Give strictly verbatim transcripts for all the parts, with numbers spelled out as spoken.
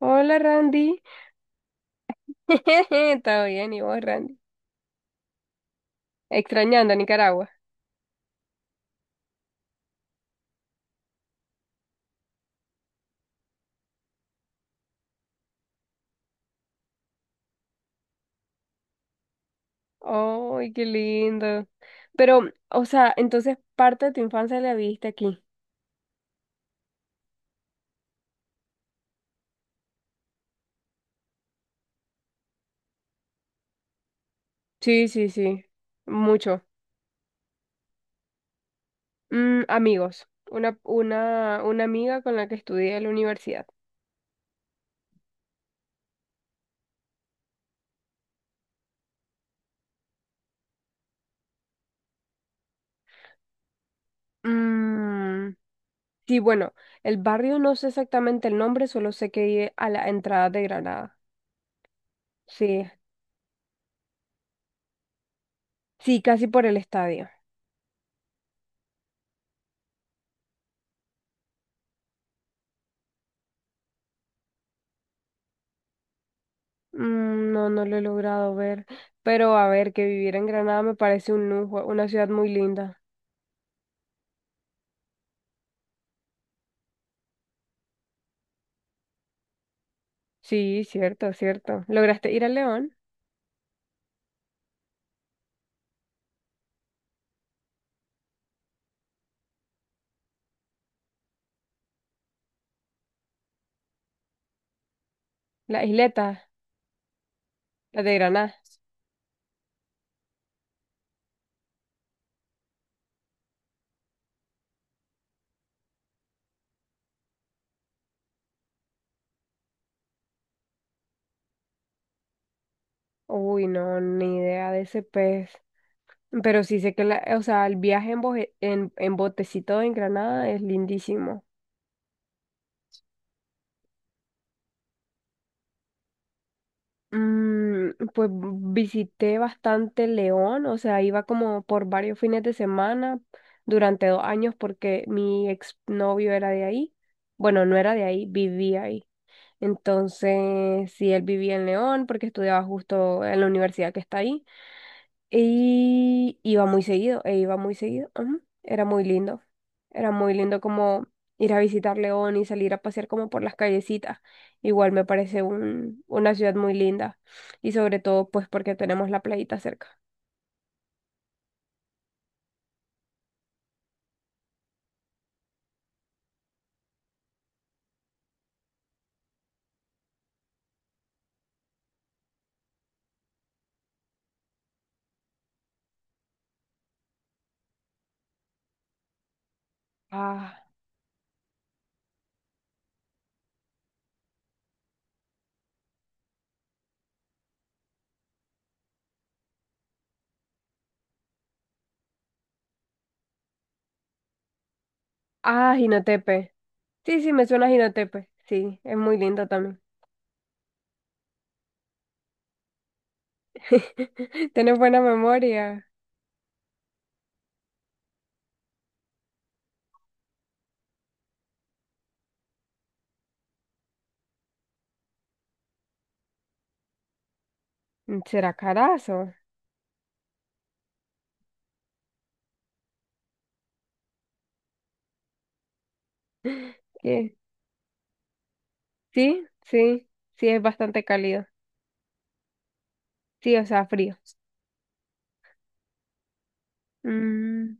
Hola Randy. Todo bien, ¿y vos, Randy? Extrañando a Nicaragua. ¡Ay, qué lindo! Pero, o sea, entonces parte de tu infancia la viviste aquí. Sí, sí, sí. Mucho. Mm, amigos. Una, una, una amiga con la que estudié en la universidad. Mm, sí, bueno, el barrio no sé exactamente el nombre, solo sé que vive a la entrada de Granada. Sí, sí, casi por el estadio. Mm, no, no lo he logrado ver, pero a ver, que vivir en Granada me parece un lujo, una ciudad muy linda. Sí, cierto, cierto. ¿Lograste ir a León? La isleta, la de Granada. Uy, no, ni idea de ese pez. Pero sí sé que la, o sea, el viaje en, boje- en, en botecito en Granada es lindísimo. Mm, pues visité bastante León, o sea, iba como por varios fines de semana durante dos años porque mi exnovio era de ahí. Bueno, no era de ahí, vivía ahí. Entonces, sí, él vivía en León porque estudiaba justo en la universidad que está ahí. Y iba muy seguido, e iba muy seguido. Ujú. Era muy lindo. Era muy lindo como ir a visitar León y salir a pasear como por las callecitas. Igual me parece un, una ciudad muy linda. Y sobre todo, pues porque tenemos la playita cerca. Ah, ah, Jinotepe. Sí, sí, me suena a Jinotepe. Sí, es muy lindo también. Tienes buena memoria. ¿Será carazo? ¿Qué? Sí, sí, sí, es bastante cálido. Sí, o sea, frío. Mm.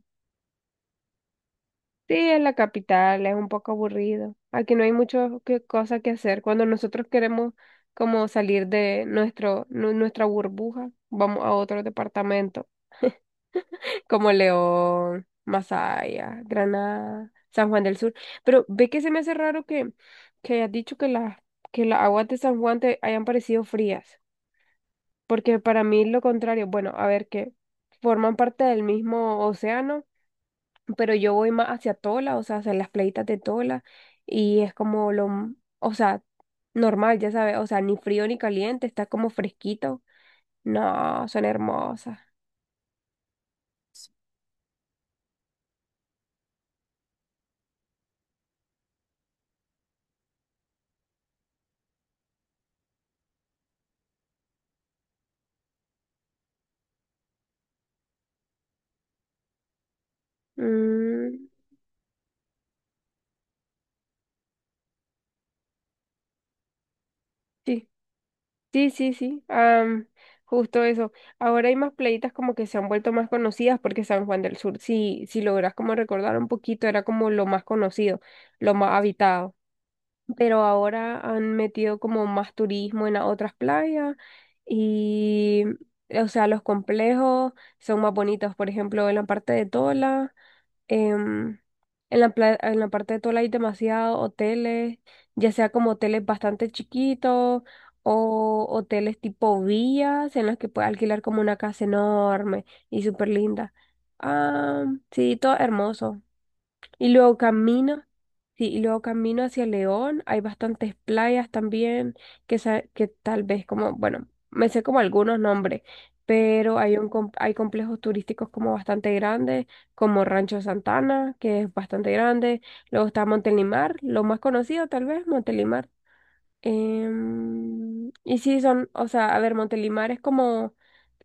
Sí, en la capital es un poco aburrido. Aquí no hay muchas cosas que hacer. Cuando nosotros queremos como salir de nuestro, nu- nuestra burbuja, vamos a otro departamento, como León, Masaya, Granada, San Juan del Sur. Pero ve que se me hace raro que, que hayas dicho que las, que las aguas de San Juan te hayan parecido frías, porque para mí lo contrario, bueno, a ver que forman parte del mismo océano pero yo voy más hacia Tola, o sea, hacia las playitas de Tola, y es como lo, m- o sea, normal, ya sabes, o sea, ni frío ni caliente, está como fresquito. No, son hermosas. Mm, sí, sí, sí, sí, am, justo eso. Ahora hay más playitas como que se han vuelto más conocidas porque San Juan del Sur, si, si logras como recordar un poquito, era como lo más conocido, lo más habitado. Pero ahora han metido como más turismo en las otras playas y, o sea, los complejos son más bonitos. Por ejemplo, en la parte de Tola, em, en la, pla- en la parte de Tola hay demasiados hoteles, ya sea como hoteles bastante chiquitos o hoteles tipo villas en los que puedes alquilar como una casa enorme y súper linda. Ah, sí, todo hermoso. Y luego camino, sí, y luego camino hacia León. Hay bastantes playas también que, sa- que tal vez como, bueno, me sé como algunos nombres, pero hay un com- hay complejos turísticos como bastante grandes, como Rancho Santana, que es bastante grande. Luego está Montelimar, lo más conocido tal vez, Montelimar. Em, y sí, son, o sea, a ver, Montelimar es como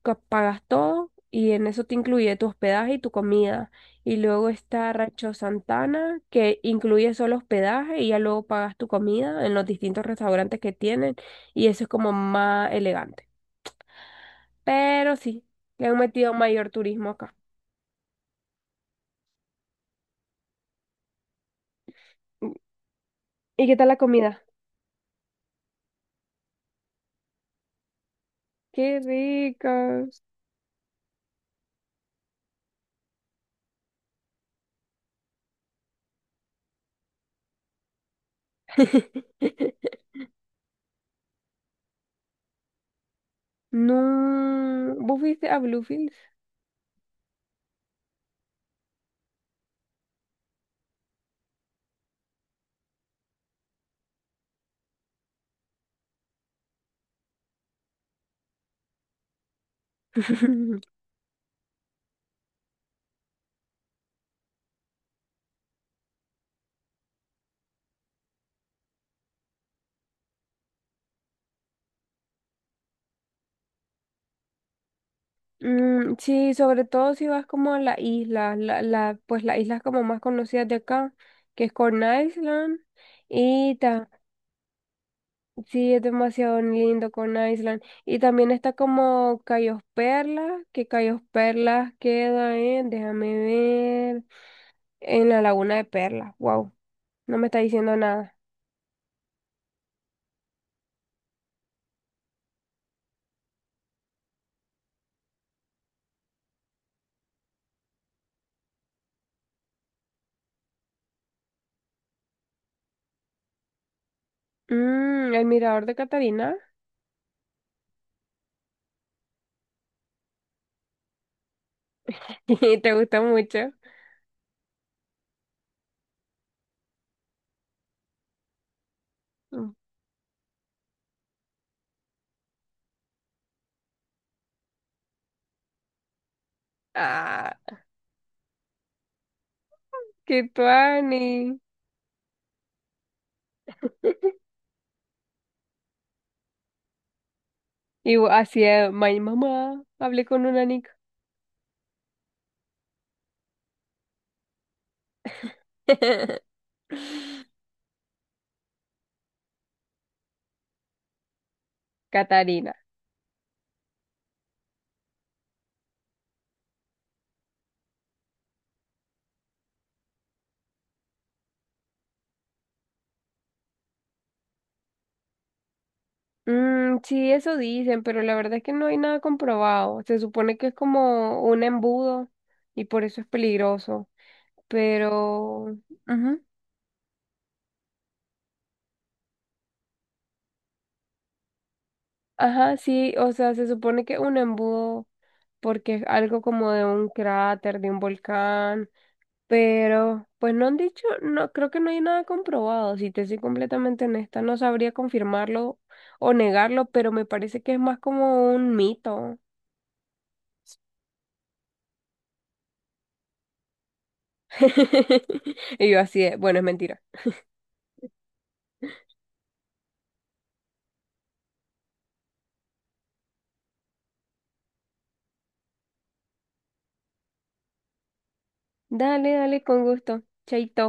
que pagas todo y en eso te incluye tu hospedaje y tu comida. Y luego está Rancho Santana, que incluye solo hospedaje y ya luego pagas tu comida en los distintos restaurantes que tienen. Y eso es como más elegante. Pero sí, le han metido mayor turismo acá. ¿Y qué tal la comida? ¡Qué ricas! No, ¿vos fuiste a Bluefields? Mm, sí, sobre todo si vas como a la isla la, la, pues las islas como más conocidas de acá, que es Corn Island, y ta, sí, es demasiado lindo Corn Island. Y también está como Cayos Perlas, que Cayos Perlas queda en, déjame ver, en la Laguna de Perlas, wow, no me está diciendo nada. Mm, el Mirador de Catarina. ¿Te gusta mucho? Mm. Ah, qué tuani. Y bu- así, eh, my mamá, hablé con una nica. Catarina. Mm, sí, eso dicen, pero la verdad es que no hay nada comprobado. Se supone que es como un embudo y por eso es peligroso. Pero, ujú. Ajá, sí, o sea, se supone que es un embudo porque es algo como de un cráter, de un volcán. Pero, pues no han dicho, no, creo que no hay nada comprobado. Si te soy completamente honesta, no sabría confirmarlo o negarlo, pero me parece que es más como un mito. Y yo así de, bueno, es mentira. Dale, dale, con gusto. Chaito.